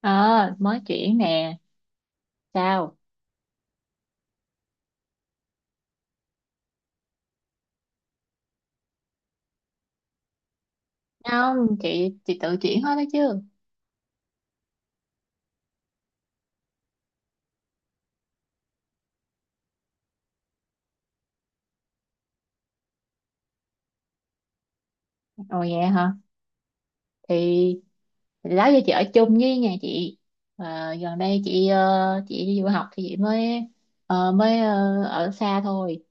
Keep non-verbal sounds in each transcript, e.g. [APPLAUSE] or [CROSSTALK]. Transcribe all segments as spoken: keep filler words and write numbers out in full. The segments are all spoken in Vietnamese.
Ờ, mới chuyển nè. Sao? Không, chị chị tự chuyển hết đó chứ. Ồ, vậy hả? Thì, thì đó giờ chị ở chung với nhà chị. Ờ, gần đây chị ờ, chị đi du học thì chị mới ờ, mới ờ, ở xa thôi.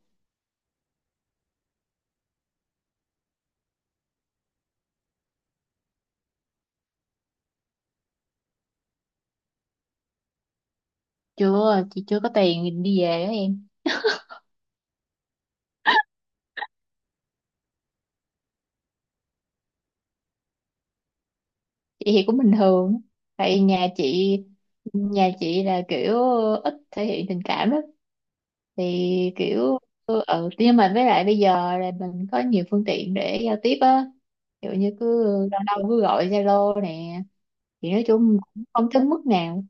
Chưa, chị chưa có tiền đi về đó em. Chị thì cũng bình thường. Tại nhà chị nhà chị là kiểu ít thể hiện tình cảm đó. Thì kiểu ừ nhưng mà với lại bây giờ là mình có nhiều phương tiện để giao tiếp á, ví dụ như cứ đâu đâu cứ gọi Zalo nè, thì nói chung cũng không tới mức nào.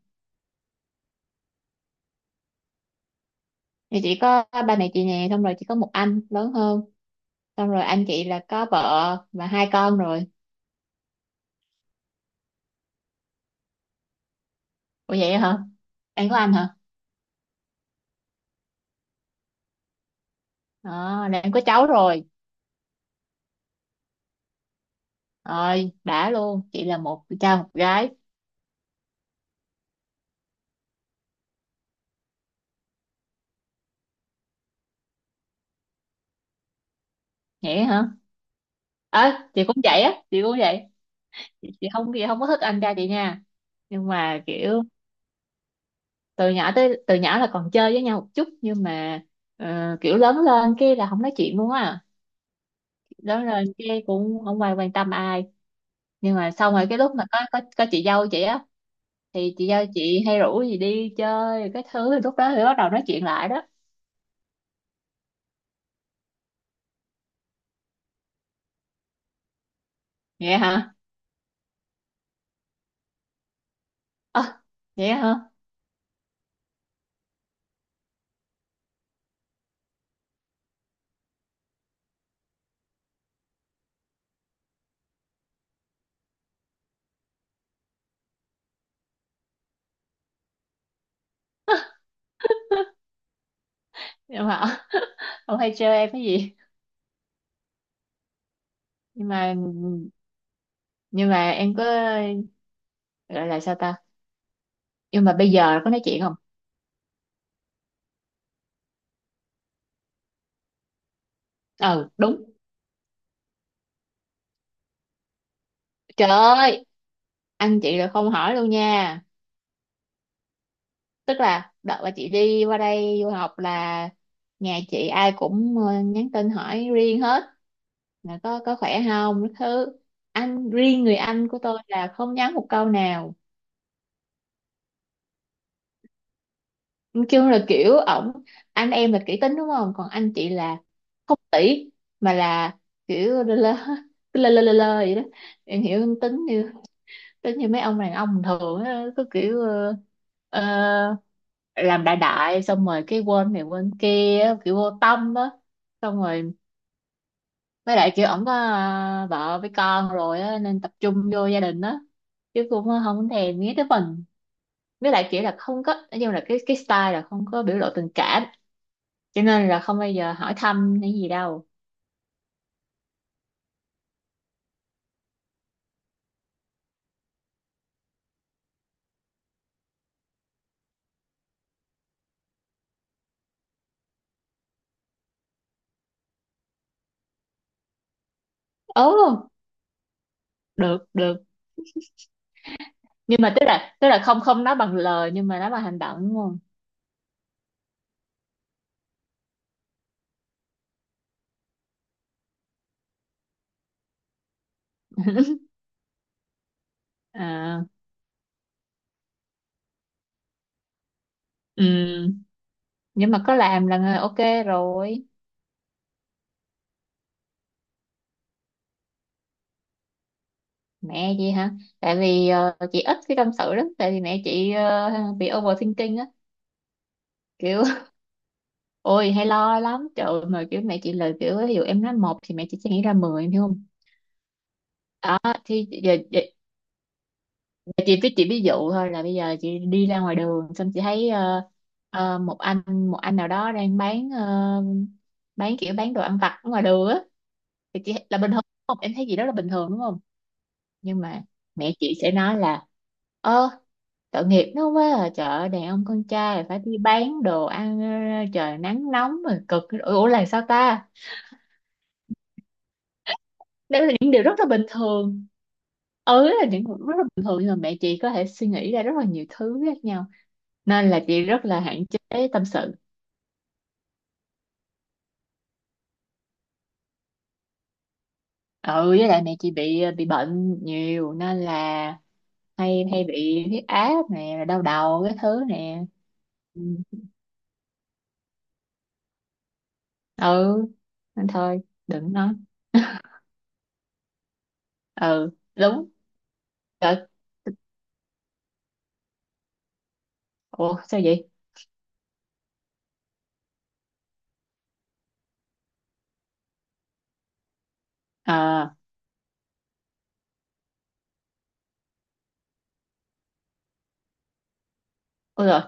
Thì chỉ có ba mẹ chị nè, xong rồi chỉ có một anh lớn hơn, xong rồi anh chị là có vợ và hai con rồi. Ủa vậy hả? Em có anh hả? Ờ, là em có cháu rồi. Rồi đã luôn, chị là một cha một gái. Vậy hả? Ờ, chị cũng vậy á, chị cũng vậy. Chị, chị không chị không có thích anh trai chị nha, nhưng mà kiểu từ nhỏ tới từ nhỏ là còn chơi với nhau một chút, nhưng mà ờ, kiểu lớn lên cái là không nói chuyện luôn á. Lớn lên cái cũng không ai quan tâm ai. Nhưng mà xong rồi cái lúc mà có có có chị dâu chị á, thì chị dâu chị hay rủ gì đi chơi cái thứ thì lúc đó thì bắt đầu nói chuyện lại đó. Vậy hả? Ơ, vậy hả? Nhưng mà [LAUGHS] ờ, ông hay chơi em cái gì? Nhưng mà, nhưng mà em có gọi là sao ta, nhưng mà bây giờ có nói chuyện không? Ừ đúng, trời ơi, anh chị là không hỏi luôn nha. Tức là đợt mà chị đi qua đây du học là nhà chị ai cũng ờ, nhắn tin hỏi riêng hết, là có có khỏe không cái thứ, anh riêng người anh của tôi là không nhắn một câu nào. Kêu là kiểu ổng, anh em là kỹ tính đúng không, còn anh chị là không tỷ mà là kiểu lơ lơ, cứ lơ lơ lơ lơ vậy đó. Em hiểu tính như tính như mấy ông đàn ông bình thường á, cứ kiểu uh, làm đại đại, xong rồi cái quên này quên kia á, kiểu vô tâm á. Xong rồi với lại kiểu ổng có à, vợ với con rồi á nên tập trung vô gia đình á, chứ cũng không thèm nghĩ tới mình. Với lại kiểu là không có, nói chung là cái cái style là không có biểu lộ tình cảm, cho nên là không bao giờ hỏi thăm hay gì đâu. Ồ, được được. Nhưng mà tức là tức là không không nói bằng lời nhưng mà nói bằng hành động đúng không? [LAUGHS] À, ừ. Nhưng mà có làm là ok rồi. Mẹ chị hả? Tại vì ờ, chị ít khi tâm sự lắm, tại vì mẹ chị ờ, bị overthinking á, kiểu [LAUGHS] ôi hay lo lắm, trời ơi, mà kiểu mẹ chị lời kiểu, ví dụ em nói một thì mẹ chị sẽ nghĩ ra mười, em hiểu không? Đó thì giờ, giờ, giờ chị với chị, ví dụ thôi là bây giờ chị đi ra ngoài đường xong chị thấy ờ, ờ, một anh một anh nào đó đang bán ờ, bán kiểu bán đồ ăn vặt ở ngoài đường á, thì chị là bình thường đúng không, em thấy gì đó là bình thường đúng không. Nhưng mà mẹ chị sẽ nói là: Ơ, tội nghiệp nó quá à, trời ơi, đàn ông con trai là phải đi bán đồ ăn ờ, trời nắng nóng mà cực, ủa ủa là sao ta. Đấy là những điều rất là bình thường. Ừ, là những điều rất là bình thường, nhưng mà mẹ chị có thể suy nghĩ ra rất là nhiều thứ khác nhau, nên là chị rất là hạn chế tâm sự. Ừ, với lại mẹ chị bị ờ, bị bệnh nhiều nên là hay hay bị huyết áp nè, rồi đau đầu cái thứ nè. Ừ. Ừ. Nên thôi đừng nói. Ừ đúng. Trời, ủa sao vậy? À, ôi rồi.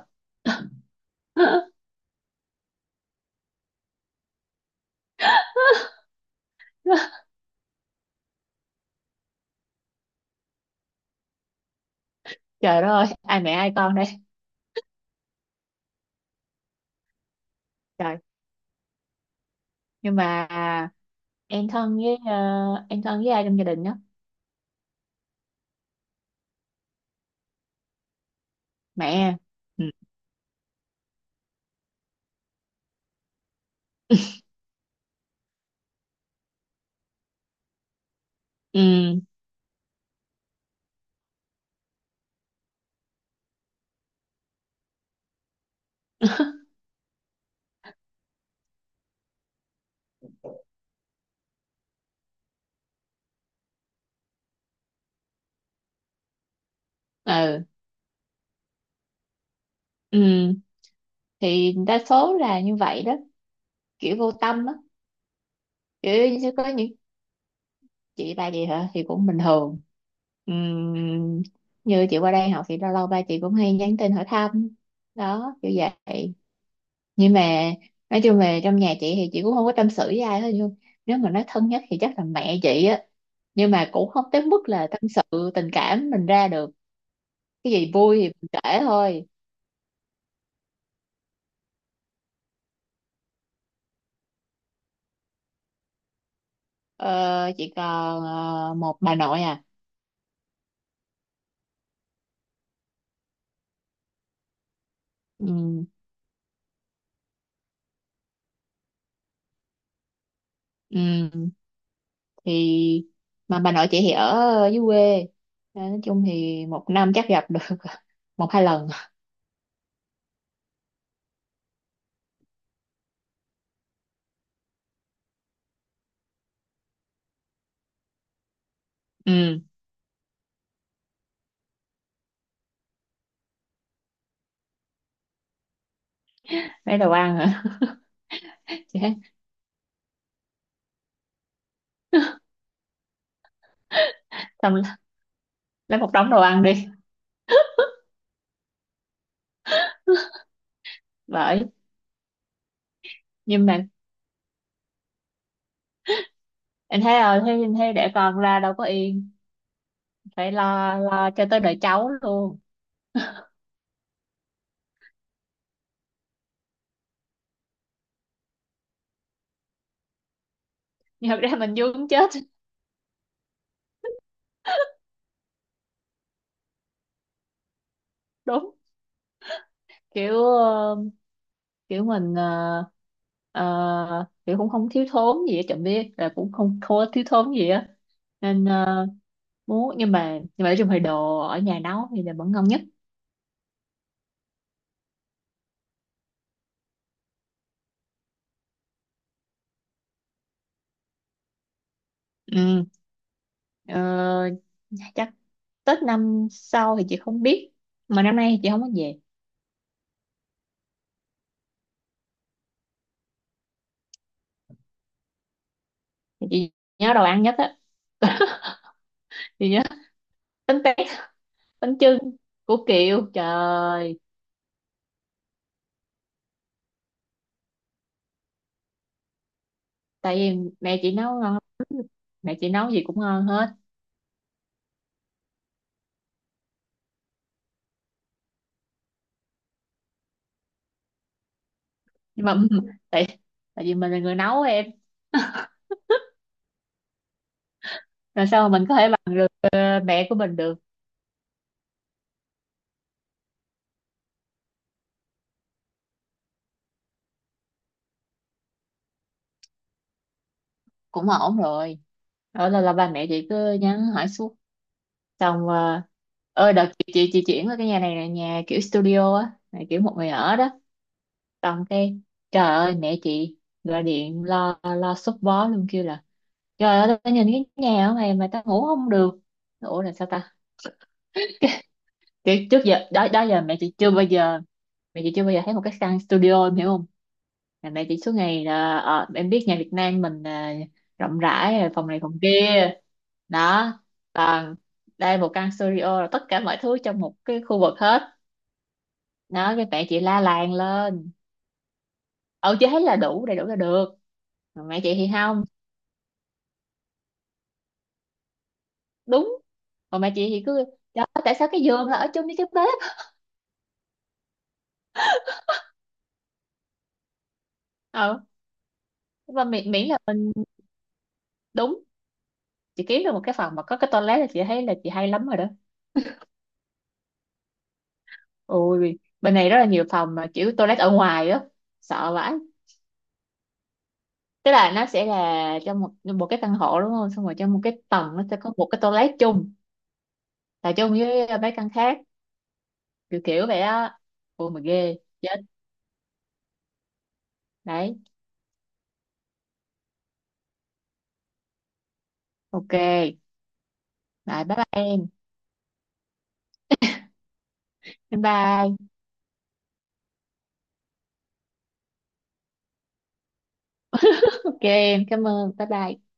Trời đất ơi, ai mẹ ai con đây. Trời. Nhưng mà em thân với, ờ, em thân với ai trong gia đình đó? Mẹ em. Ừ. Ừ. [LAUGHS] Ừ. Ừ. Thì đa số là như vậy đó, kiểu vô tâm á, kiểu như sẽ có những. Chị ba chị hả? Thì cũng bình thường. Ừm. Như chị qua đây học thì lâu lâu ba chị cũng hay nhắn tin hỏi thăm. Đó, kiểu vậy. Nhưng mà nói chung về trong nhà chị thì chị cũng không có tâm sự với ai hết, nhưng nếu mà nói thân nhất thì chắc là mẹ chị á, nhưng mà cũng không tới mức là tâm sự tình cảm mình ra được. Cái gì vui thì mình kể thôi. ờ, chị còn ờ, một bà nội à. Ừ, ừ, thì mà bà nội chị thì ở dưới quê, nên nói chung thì một năm chắc gặp được [LAUGHS] một hai lần. Ừ, lấy đồ ăn hả? [LAUGHS] Chị thấy, xong lấy một đống đồ ăn đi. Bởi. Nhưng mà em thấy rồi, thế thế để con ra đâu có yên, phải lo lo cho tới đời cháu luôn. Nhưng thật ra mình vướng chết. [LAUGHS] Đúng, kiểu ờ, kiểu mình, ờ, ờ, kiểu cũng không thiếu thốn gì hết, chẳng biết là cũng không thua thiếu thốn gì á. Nên ờ, muốn, nhưng mà nhưng mà nói chung thì đồ ở nhà nấu thì là vẫn ngon nhất. Ừ. ờ, Chắc Tết năm sau thì chị không biết, mà năm nay thì chị không có về. Thì chị nhớ đồ ăn nhất á. [LAUGHS] Chị nhớ bánh tét, bánh chưng của kiều, trời. Tại vì mẹ chị nấu ngon lắm. Mẹ chị nấu gì cũng ngon hết. Nhưng mà [LAUGHS] tại tại vì mình là người nấu em, làm sao mà mình có thể bằng được ờ, mẹ của mình được. Cũng ổn rồi. Đó là, là ba mẹ chị cứ nhắn hỏi suốt, xong ờ, ơi đợt chị, chị chị chuyển qua cái nhà này là nhà kiểu studio á, là kiểu một người ở đó. Xong cái trời ơi, mẹ chị gọi điện lo lo sốt vó luôn, kêu là: Trời ơi tao nhìn cái nhà ở này mà tao ngủ không được. Ủa là sao ta. Kiểu trước giờ đó đó giờ mẹ chị chưa bao giờ mẹ chị chưa bao giờ thấy một cái căn studio, em hiểu không? Ngày này chị suốt ngày là, ờ, em biết nhà Việt Nam mình à, rộng rãi à, phòng này phòng kia đó. Còn đây một căn studio là tất cả mọi thứ trong một cái khu vực hết. Đó cái mẹ chị la làng lên. Ừ, chị thấy là đủ, đầy đủ là được, mà mẹ chị thì không. Đúng. Còn mẹ chị thì cứ: Trời ơi, tại sao cái giường là ở chung với cái bếp. Ừ. Nhưng mà miễn, miễn là mình, đúng, chị kiếm được một cái phòng mà có cái toilet là chị thấy là chị hay lắm rồi đó. Ôi, bên này rất là nhiều phòng mà kiểu toilet ở ngoài á, sợ vãi. Tức là nó sẽ là trong một một cái căn hộ đúng không? Xong rồi trong một cái tầng nó sẽ có một cái toilet chung, là chung với mấy căn khác, kiểu kiểu vậy á. Ôi mà ghê, chết. Đấy, ok. Rồi bye bye em. Bye bye. Ok em, cảm ơn. Bye bye.